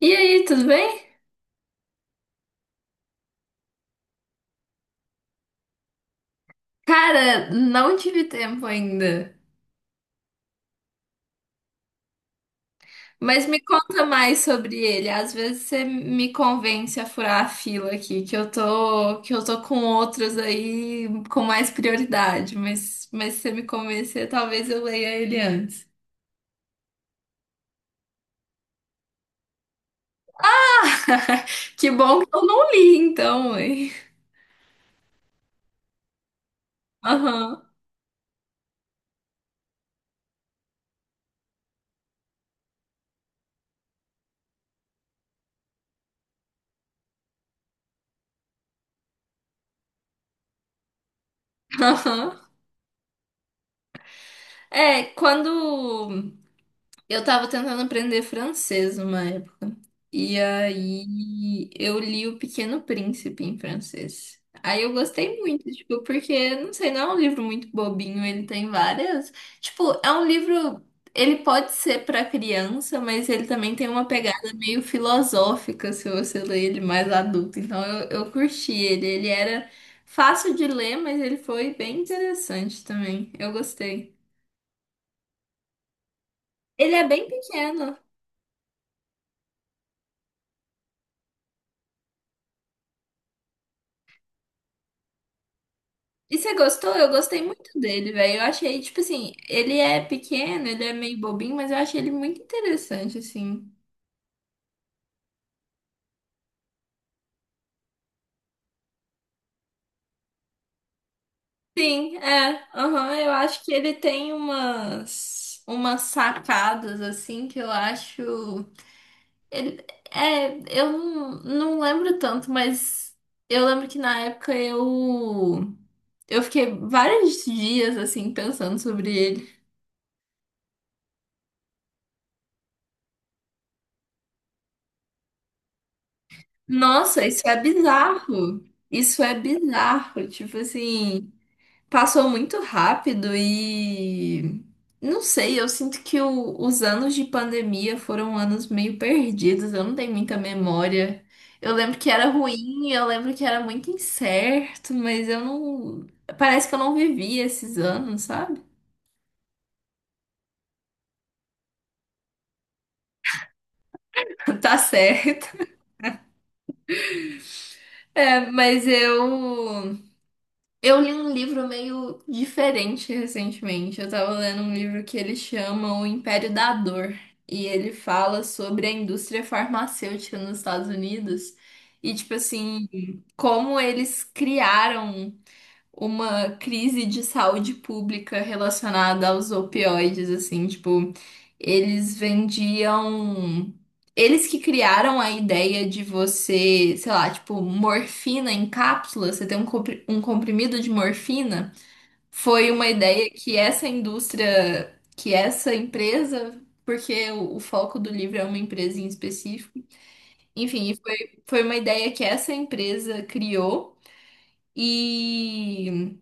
E aí, tudo bem? Cara, não tive tempo ainda. Mas me conta mais sobre ele. Às vezes você me convence a furar a fila aqui, que eu tô com outros aí com mais prioridade, mas se você me convencer, talvez eu leia ele antes. Que bom que eu não li, então, hein? Aham, aham. É, quando. Eu tava tentando aprender francês uma época. E aí eu li O Pequeno Príncipe em francês. Aí eu gostei muito, tipo, porque, não sei, não é um livro muito bobinho, ele tem várias. Tipo, é um livro. Ele pode ser pra criança, mas ele também tem uma pegada meio filosófica se você ler ele mais adulto. Então eu curti ele. Ele era fácil de ler, mas ele foi bem interessante também. Eu gostei. Ele é bem pequeno. E você gostou? Eu gostei muito dele, velho. Eu achei, tipo assim, ele é pequeno, ele é meio bobinho, mas eu achei ele muito interessante, assim. Sim, é. Aham, eu acho que ele tem umas, umas sacadas, assim, que eu acho. Ele, é, eu não lembro tanto, mas eu lembro que na época eu. Eu fiquei vários dias, assim, pensando sobre ele. Nossa, isso é bizarro. Isso é bizarro. Tipo assim. Passou muito rápido e não sei, eu sinto que os anos de pandemia foram anos meio perdidos, eu não tenho muita memória. Eu lembro que era ruim, eu lembro que era muito incerto, mas eu não. Parece que eu não vivi esses anos, sabe? Tá certo. É, mas eu. Eu li um livro meio diferente recentemente. Eu tava lendo um livro que ele chama O Império da Dor. E ele fala sobre a indústria farmacêutica nos Estados Unidos. E, tipo assim, como eles criaram uma crise de saúde pública relacionada aos opioides, assim, tipo, eles vendiam. Eles que criaram a ideia de você, sei lá, tipo, morfina em cápsula, você tem um um comprimido de morfina, foi uma ideia que essa indústria, que essa empresa, porque o foco do livro é uma empresa em específico, enfim, foi uma ideia que essa empresa criou e.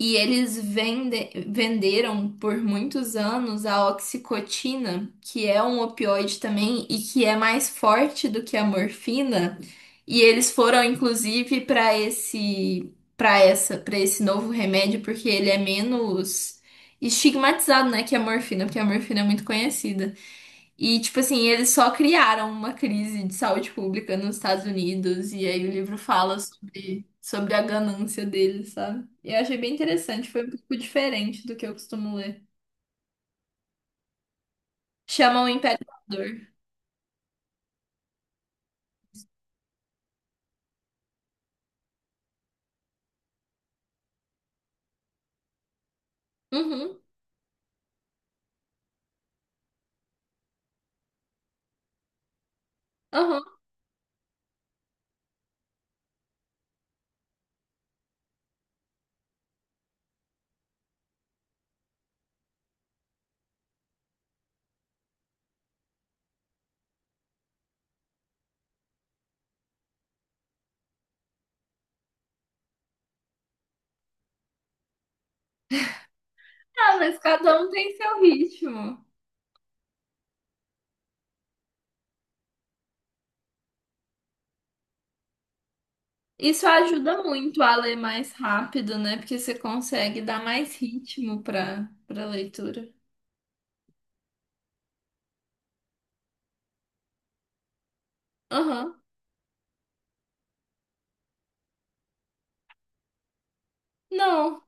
E eles venderam por muitos anos a oxicotina, que é um opioide também e que é mais forte do que a morfina. E eles foram inclusive para esse novo remédio porque ele é menos estigmatizado, né, que a morfina, porque a morfina é muito conhecida. E, tipo assim, eles só criaram uma crise de saúde pública nos Estados Unidos, e aí o livro fala sobre a ganância deles, sabe? E eu achei bem interessante, foi um pouco diferente do que eu costumo ler. Chama o Império Amador. Uhum, uhum. Ah, mas cada um tem seu ritmo. Isso ajuda muito a ler mais rápido, né? Porque você consegue dar mais ritmo pra leitura. Aham. Não.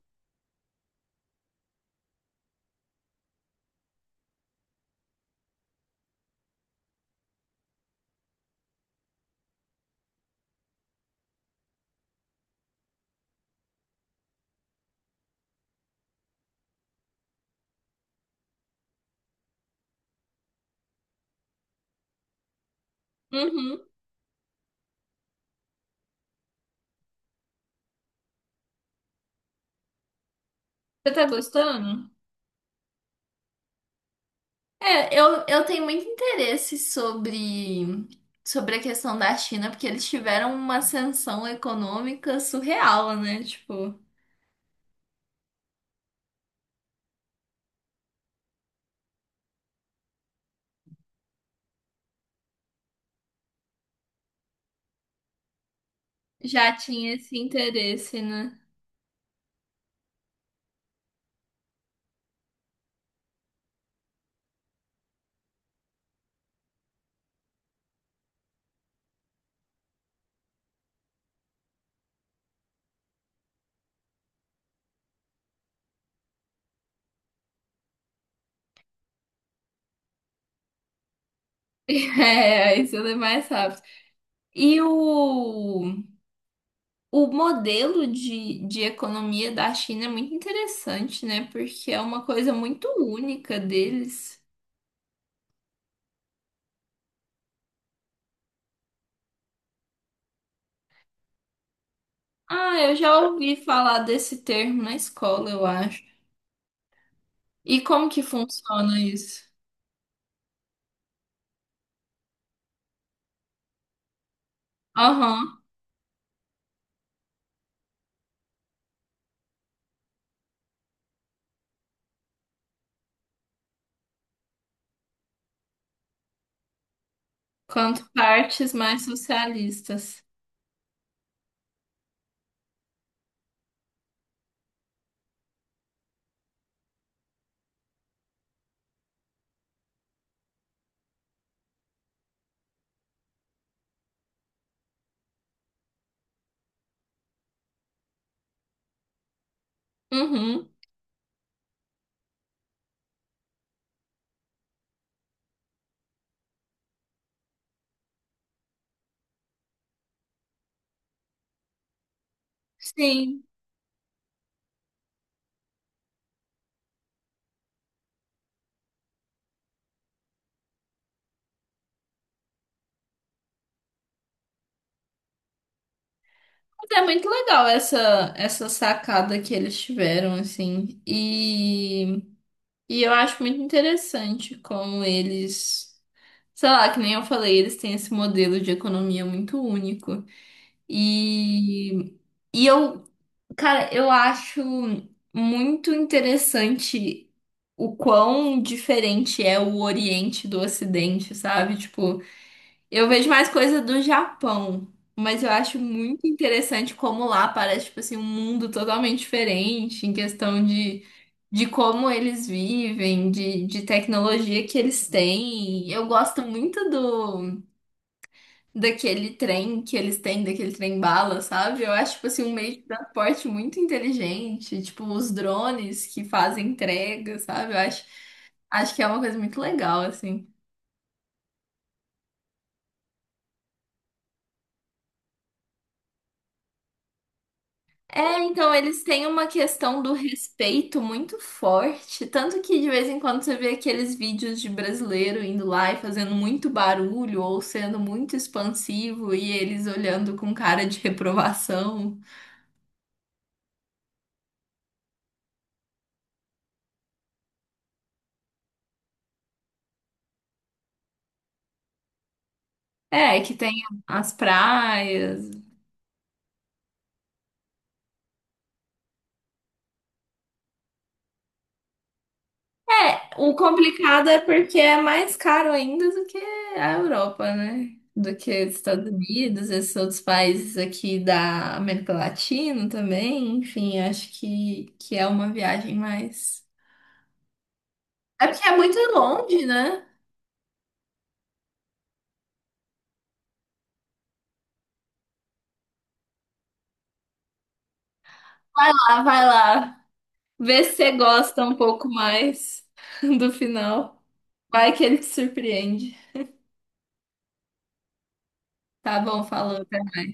Uhum. Você tá gostando? É, eu tenho muito interesse sobre a questão da China, porque eles tiveram uma ascensão econômica surreal, né? Tipo, já tinha esse interesse, né? É, isso é mais rápido. E o modelo de economia da China é muito interessante, né? Porque é uma coisa muito única deles. Ah, eu já ouvi falar desse termo na escola, eu acho. E como que funciona isso? Aham. Quanto partes mais socialistas. Uhum. Sim. Mas é muito legal essa essa sacada que eles tiveram, assim. E eu acho muito interessante como eles, sei lá, que nem eu falei, eles têm esse modelo de economia muito único. E, e eu, cara, eu acho muito interessante o quão diferente é o Oriente do Ocidente, sabe? Tipo, eu vejo mais coisa do Japão, mas eu acho muito interessante como lá parece, tipo assim, um mundo totalmente diferente em questão de, como eles vivem, de tecnologia que eles têm. Eu gosto muito do daquele trem que eles têm, daquele trem bala, sabe? Eu acho, tipo assim, um meio de transporte muito inteligente, tipo os drones que fazem entrega, sabe? Eu acho, acho que é uma coisa muito legal, assim. É, então eles têm uma questão do respeito muito forte, tanto que de vez em quando você vê aqueles vídeos de brasileiro indo lá e fazendo muito barulho ou sendo muito expansivo e eles olhando com cara de reprovação. É, que tem as praias. É, o complicado é porque é mais caro ainda do que a Europa, né? Do que os Estados Unidos, esses outros países aqui da América Latina também. Enfim, acho que é uma viagem mais. É porque é muito longe, né? Ah, vai lá. Vê se você gosta um pouco mais do final. Vai que ele te surpreende. Tá bom, falou. Até mais.